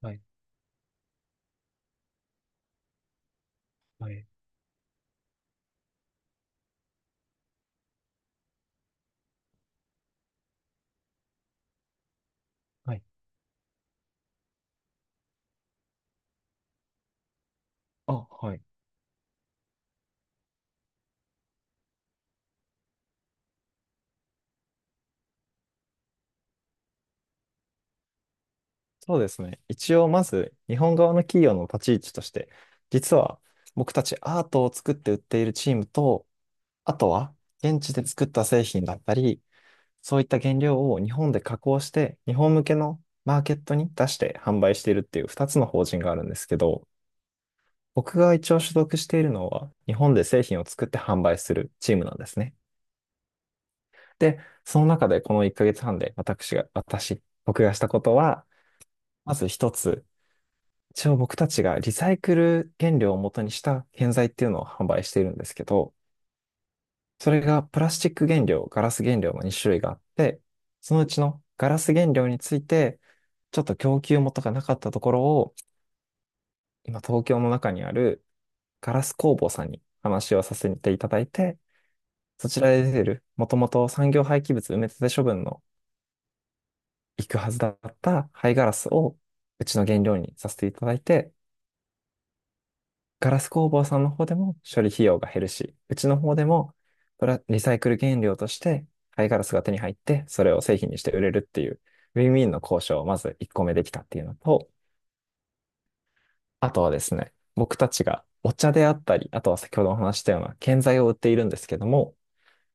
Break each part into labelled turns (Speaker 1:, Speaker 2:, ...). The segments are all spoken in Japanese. Speaker 1: はい、はい、はい。あ、はい。そうですね。一応、まず、日本側の企業の立ち位置として、実は、僕たちアートを作って売っているチームと、あとは、現地で作った製品だったり、そういった原料を日本で加工して、日本向けのマーケットに出して販売しているっていう2つの法人があるんですけど、僕が一応所属しているのは、日本で製品を作って販売するチームなんですね。で、その中でこの1ヶ月半で私が、私、僕がしたことは、まず一つ、一応僕たちがリサイクル原料を元にした建材っていうのを販売しているんですけど、それがプラスチック原料、ガラス原料の2種類があって、そのうちのガラス原料について、ちょっと供給元がなかったところを、今東京の中にあるガラス工房さんに話をさせていただいて、そちらで出てる、もともと産業廃棄物埋め立て処分の行くはずだった廃ガラスをうちの原料にさせていただいて、ガラス工房さんの方でも処理費用が減るし、うちの方でもプラリサイクル原料として貝ガラスが手に入って、それを製品にして売れるっていう、ウィンウィンの交渉をまず1個目できたっていうのと、あとはですね、僕たちがお茶であったり、あとは先ほどお話ししたような建材を売っているんですけども、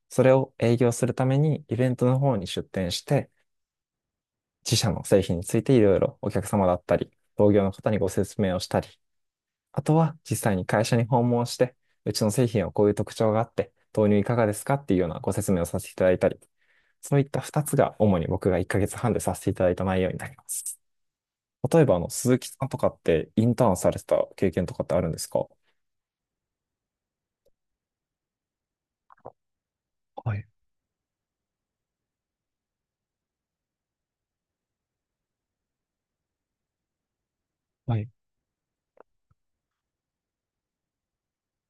Speaker 1: それを営業するためにイベントの方に出店して、自社の製品についていろいろお客様だったり、同業の方にご説明をしたり、あとは実際に会社に訪問して、うちの製品はこういう特徴があって、導入いかがですかっていうようなご説明をさせていただいたり、そういった2つが主に僕が1ヶ月半でさせていただいた内容になります。例えば、鈴木さんとかってインターンされてた経験とかってあるんですか？はい、はい、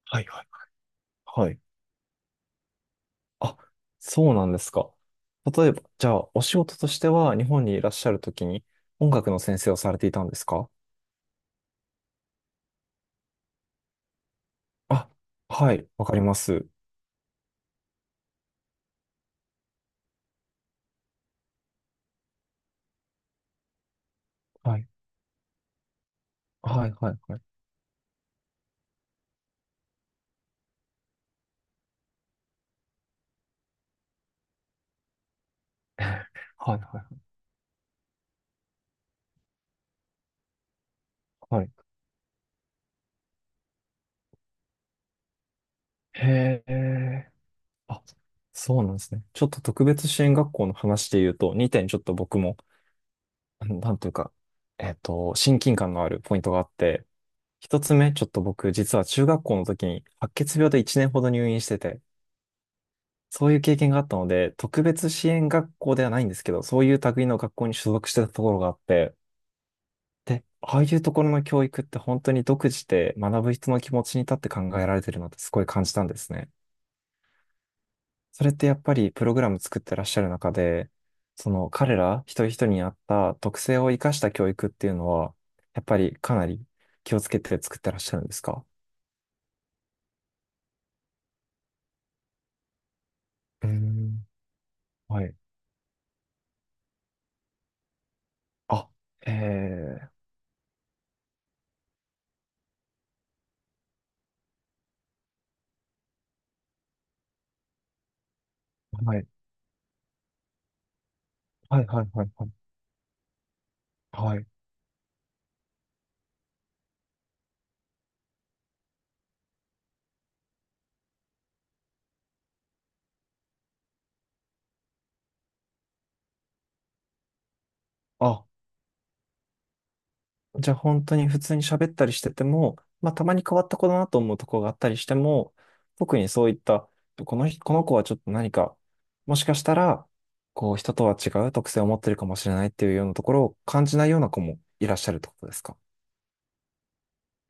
Speaker 1: はい、はい。はい。あ、そうなんですか。例えば、じゃあ、お仕事としては日本にいらっしゃるときに音楽の先生をされていたんですか？あ、はい、わかります。はいはい、はい、はい。はい、はい。はい。へえ。あ、そうなんですね。ちょっと特別支援学校の話で言うと、2点ちょっと僕も、なんというか、親近感のあるポイントがあって、一つ目、ちょっと僕、実は中学校の時に白血病で1年ほど入院してて、そういう経験があったので、特別支援学校ではないんですけど、そういう類の学校に所属してたところがあって、で、ああいうところの教育って本当に独自で学ぶ人の気持ちに立って考えられてるなってすごい感じたんですね。それってやっぱりプログラム作ってらっしゃる中で、その彼ら一人一人に合った特性を生かした教育っていうのは、やっぱりかなり気をつけて作ってらっしゃるんですか？うーんはい。あ、えー、はい。はいはいはいはい。はい。あ、じゃあ本当に普通に喋ったりしてても、まあたまに変わった子だなと思うとこがあったりしても、特にそういった、この人、この子はちょっと何か、もしかしたら、こう人とは違う特性を持ってるかもしれないっていうようなところを感じないような子もいらっしゃるってことですか？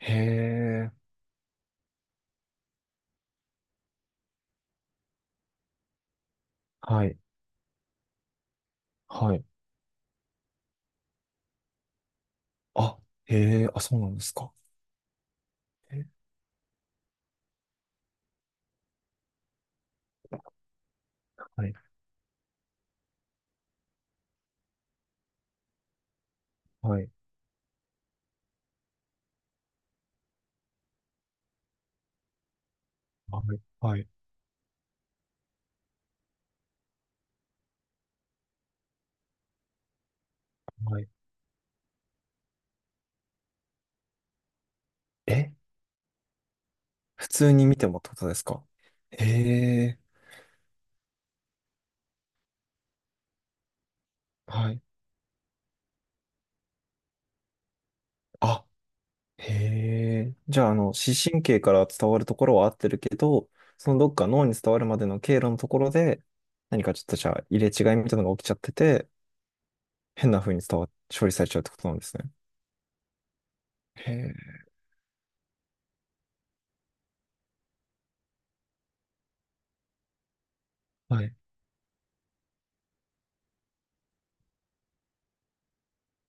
Speaker 1: へえ、はい、はい。あ、へえ、あ、そうなんですか。えはい、はい、はい、はい、はい。え普通に見てもってことですか？へえ、はい。あへえ。じゃあ、視神経から伝わるところは合ってるけど、そのどっか脳に伝わるまでの経路のところで、何かちょっとじゃあ入れ違いみたいなのが起きちゃってて、変な風に処理されちゃうってことなんですね。へえ。はい。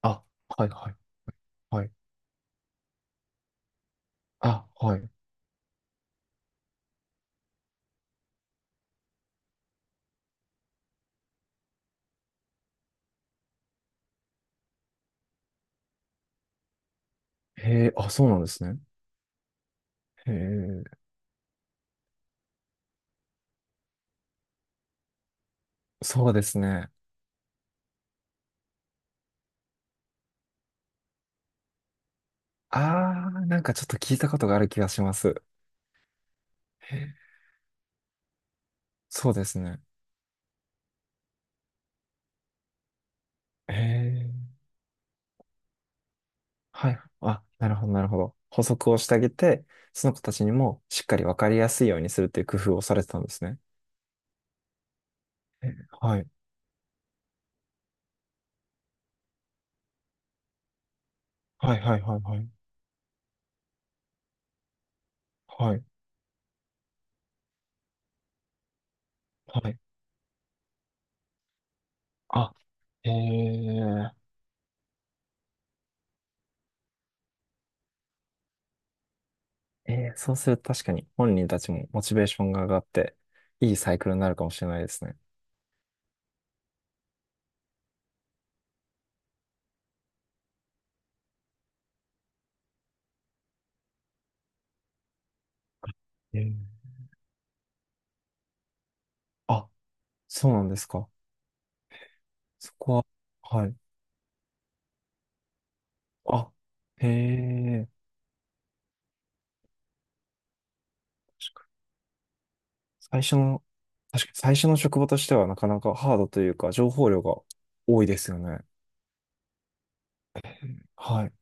Speaker 1: あ、はいはいはい。あ、はい。へえ、あ、そうなんですね。へえ。そうですね。あー、なんかちょっと聞いたことがある気がします。へえ。そうですね。へえ。はい。あ、なるほど、なるほど。補足をしてあげて、その子たちにもしっかりわかりやすいようにするっていう工夫をされてたんですね。えはい。はい、はい、はい、はい。はい、はい。あ、えー、そうすると確かに本人たちもモチベーションが上がって、いいサイクルになるかもしれないですね。えーあ、そうなんですか。そこは、はい。あ、へえ、確かに最初の、確かに最初の職場としてはなかなかハードというか、情報量が多いですよね。はい。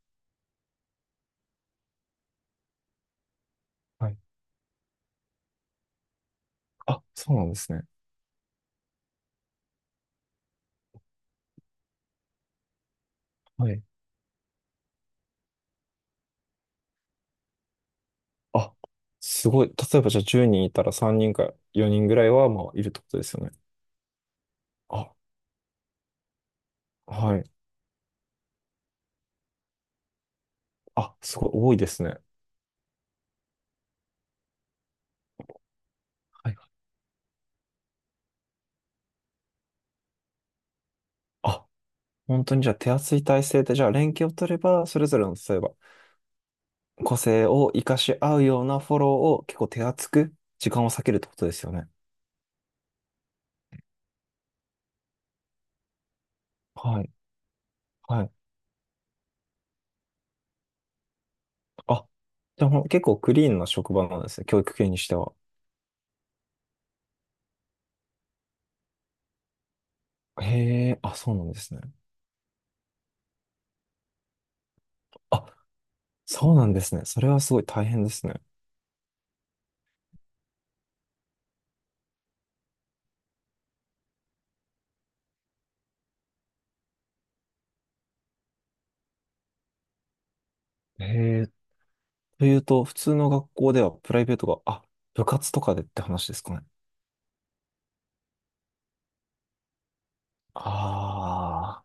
Speaker 1: はい。あ、そうなんですね。はい。あ、すごい。例えばじゃあ10人いたら3人か4人ぐらいはまあいるってことですよね。あ、はい。あ、すごい多いですね。はい。あ、本当にじゃあ手厚い体制で、じゃあ連携を取れば、それぞれの例えば個性を活かし合うようなフォローを結構手厚く時間を割けるってことですよね。はい。はい。あ、じゃあもう結構クリーンな職場なんですね。教育系にしては。へえ、あ、そうなんですね。あ、そうなんですね。それはすごい大変ですね。へえ。というと、普通の学校ではプライベートが、あ、部活とかでって話ですかね。あ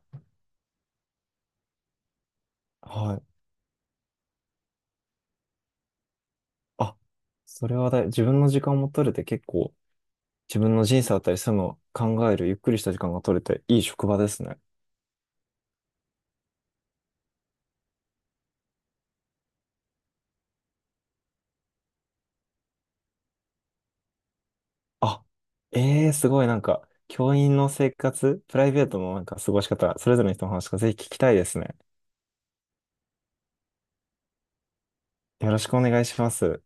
Speaker 1: あ、はい。あ、それは自分の時間も取れて結構、自分の人生だったり、そういうのを考える、ゆっくりした時間が取れて、いい職場ですね。あ、ええー、すごいなんか、教員の生活、プライベートのなんか過ごし方、それぞれの人の話がぜひ聞きたいですね。よろしくお願いします。